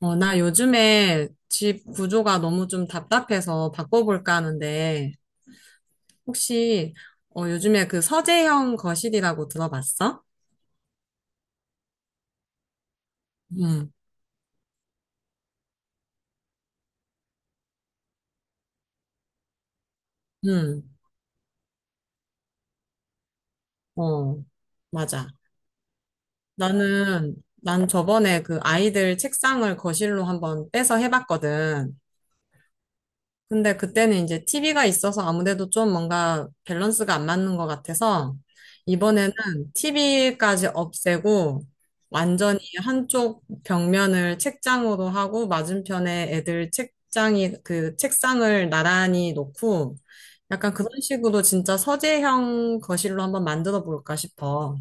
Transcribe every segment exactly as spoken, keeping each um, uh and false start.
어, 나 요즘에 집 구조가 너무 좀 답답해서 바꿔볼까 하는데, 혹시, 어, 요즘에 그 서재형 거실이라고 들어봤어? 응, 응, 어, 맞아. 나는, 난 저번에 그 아이들 책상을 거실로 한번 빼서 해봤거든. 근데 그때는 이제 티비가 있어서 아무래도 좀 뭔가 밸런스가 안 맞는 것 같아서 이번에는 티비까지 없애고 완전히 한쪽 벽면을 책장으로 하고 맞은편에 애들 책장이 그 책상을 나란히 놓고 약간 그런 식으로 진짜 서재형 거실로 한번 만들어 볼까 싶어.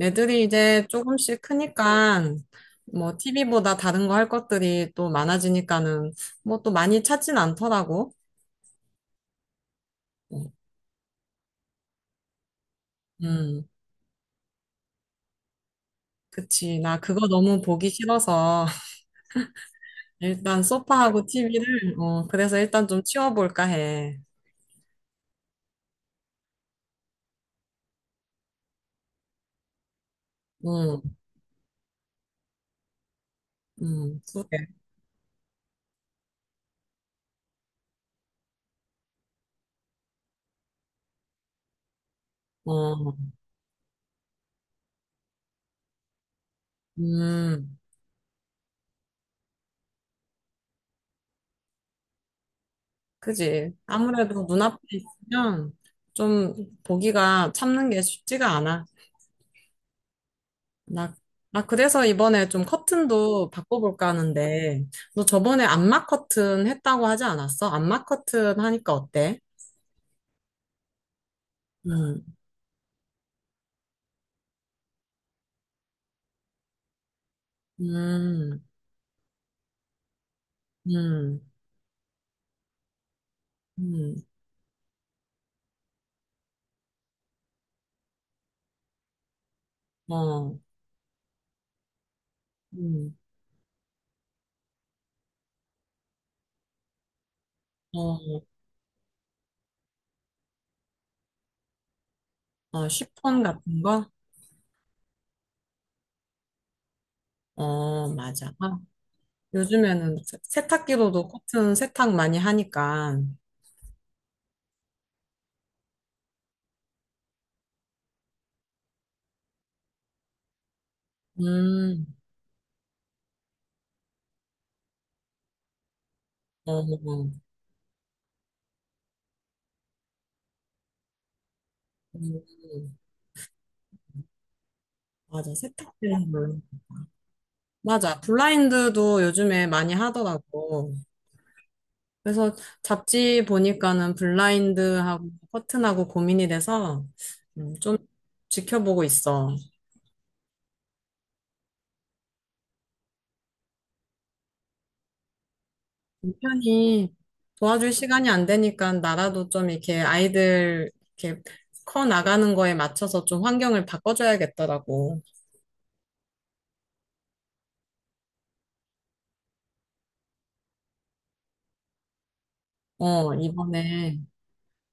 애들이 이제 조금씩 크니까 뭐 티비보다 다른 거 할 것들이 또 많아지니까는 뭐 또 많이 찾진 않더라고. 음, 그치. 나 그거 너무 보기 싫어서 일단 소파하고 티비를 어, 그래서 일단 좀 치워볼까 해. 응, 응, 그래. 어, 음, 그지. 아무래도 눈앞에 있으면 좀 보기가 참는 게 쉽지가 않아. 나, 나 그래서 이번에 좀 커튼도 바꿔볼까 하는데 너 저번에 안마 커튼 했다고 하지 않았어? 안마 커튼 하니까 어때? 음, 음, 음, 음. 어, 음, 어, 어, 쉬폰 같은 거? 어, 맞아. 아, 요즘에는 세- 세탁기로도 커튼 세탁 많이 하니까. 음, 어, 어, 음, 맞아. 세탁기는. 뭐, 맞아. 블라인드도 요즘에 많이 하더라고. 그래서 잡지 보니까는 블라인드하고 커튼하고 고민이 돼서 음, 좀 지켜보고 있어. 당연히 도와줄 시간이 안 되니까 나라도 좀 이렇게 아이들 이렇게 커 나가는 거에 맞춰서 좀 환경을 바꿔줘야겠더라고. 어, 이번에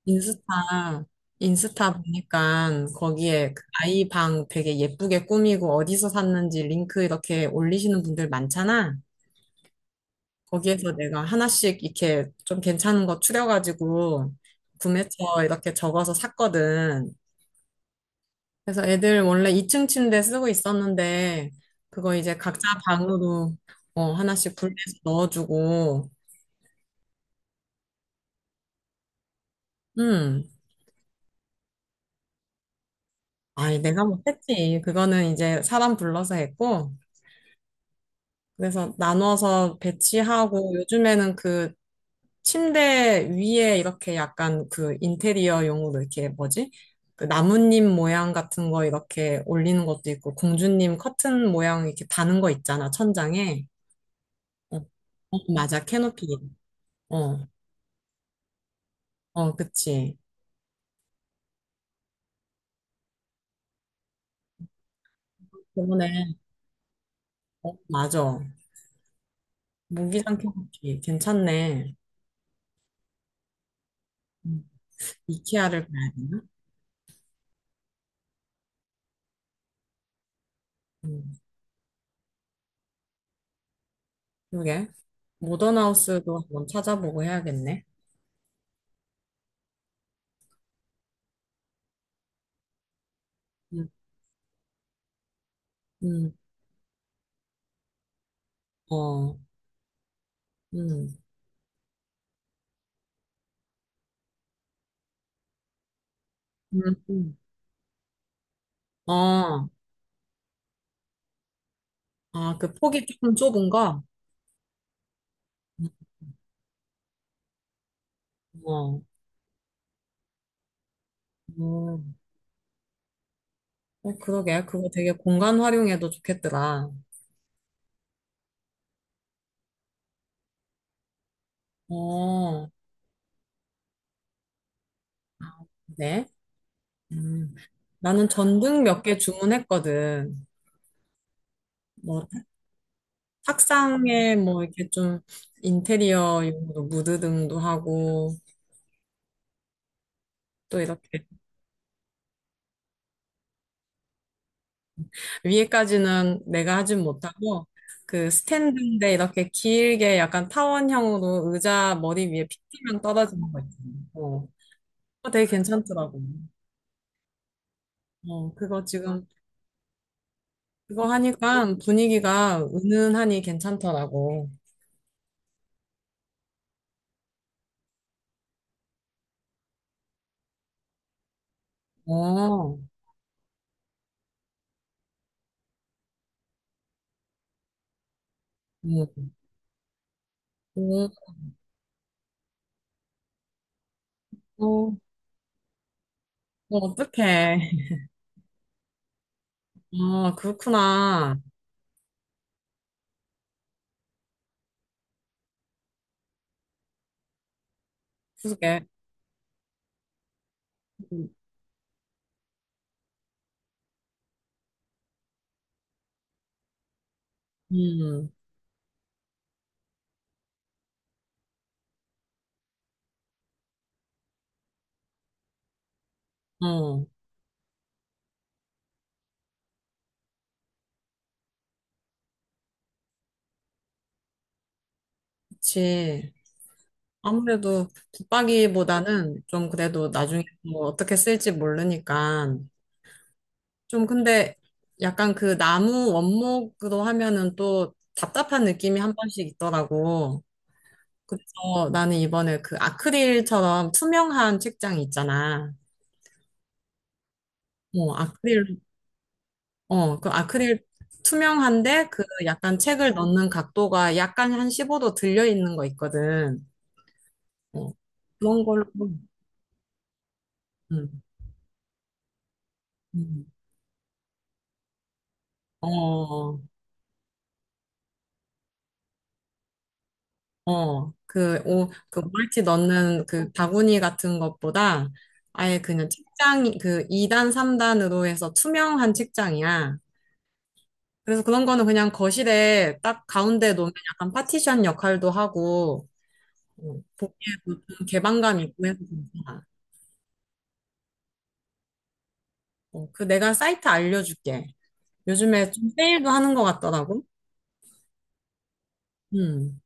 인스타, 인스타 보니까 거기에 그 아이 방 되게 예쁘게 꾸미고 어디서 샀는지 링크 이렇게 올리시는 분들 많잖아. 거기에서 내가 하나씩 이렇게 좀 괜찮은 거 추려가지고 구매처 이렇게 적어서 샀거든. 그래서 애들 원래 이 층 침대 쓰고 있었는데, 그거 이제 각자 방으로, 어, 하나씩 분리해서 넣어주고, 음, 아니 내가 못했지. 그거는 이제 사람 불러서 했고, 그래서 나눠서 배치하고, 요즘에는 그 침대 위에 이렇게 약간 그 인테리어용으로 이렇게 뭐지? 그 나뭇잎 모양 같은 거 이렇게 올리는 것도 있고, 공주님 커튼 모양 이렇게 다는 거 있잖아, 천장에. 어, 어, 맞아, 캐노피. 어. 어, 그치. 저번에, 어, 맞아. 모기장 켜놓기. 괜찮네. 음, 이케아를 가야 되나? 음, 그러게. 모던하우스도 한번 찾아보고 해야겠네. 음, 음, 어, 음, 음, 음. 어, 아, 그 폭이 조금 좁은 거? 어, 어, 음. 어, 그러게. 그거 되게 공간 활용해도 좋겠더라. 어, 네. 음, 나는 전등 몇 개 주문했거든. 뭐 탁상에 뭐 이렇게 좀 인테리어 용으로 무드등도 하고 또 이렇게 위에까지는 내가 하진 못하고 그 스탠드인데 이렇게 길게 약간 타원형으로 의자 머리 위에 핏기만 떨어지는 거 있잖아요. 어, 그거 되게 괜찮더라고. 어, 그거 지금 그거 하니까 분위기가 은은하니 괜찮더라고. 어, 음, 음, 어, 어, 어떡해. 아, 그렇구나. 그러게. 음, 음. 어. 그치. 아무래도 붙박이보다는 좀 그래도 나중에 뭐 어떻게 쓸지 모르니까. 좀 근데 약간 그 나무 원목으로 하면은 또 답답한 느낌이 한 번씩 있더라고. 그래서 나는 이번에 그 아크릴처럼 투명한 책장 있잖아. 어, 아크릴, 어, 그 아크릴 투명한데 그 약간 책을 넣는 각도가 약간 한 십오 도 들려 있는 거 있거든. 어, 그런 걸로. 음, 음. 어, 어. 어, 그, 오, 그 멀티 넣는 그 바구니 같은 것보다 아예 그냥 책장, 그 이 단, 삼 단으로 해서 투명한 책장이야. 그래서 그런 거는 그냥 거실에 딱 가운데 놓으면 약간 파티션 역할도 하고, 어, 보기에 좀 개방감 있고 해서 괜찮아. 어, 그 내가 사이트 알려줄게. 요즘에 좀 세일도 하는 것 같더라고. 음.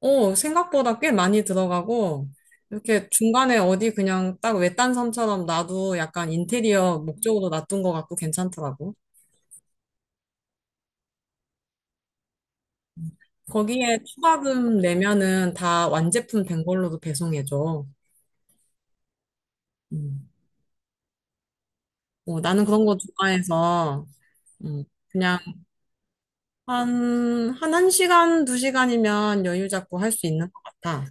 어, 생각보다 꽤 많이 들어가고, 이렇게 중간에 어디 그냥 딱 외딴 섬처럼 놔도 약간 인테리어 목적으로 놔둔 것 같고 괜찮더라고. 거기에 추가금 내면은 다 완제품 된 걸로도 배송해줘. 음. 어, 나는 그런 거 좋아해서, 음, 그냥 한, 한 1시간, 두 시간이면 여유 잡고 할 수 있는 것 같아.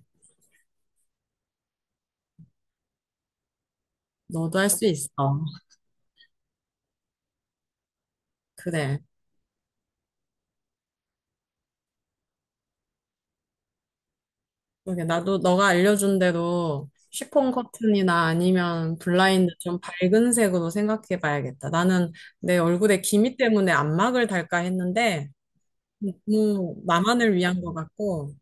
너도 할 수 있어. 그래. 그러게, 나도 너가 알려준 대로 쉬폰 커튼이나 아니면 블라인드 좀 밝은 색으로 생각해 봐야겠다. 나는 내 얼굴에 기미 때문에 안막을 달까 했는데, 뭐, 나만을 위한 것 같고.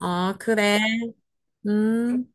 아, 그래. 음.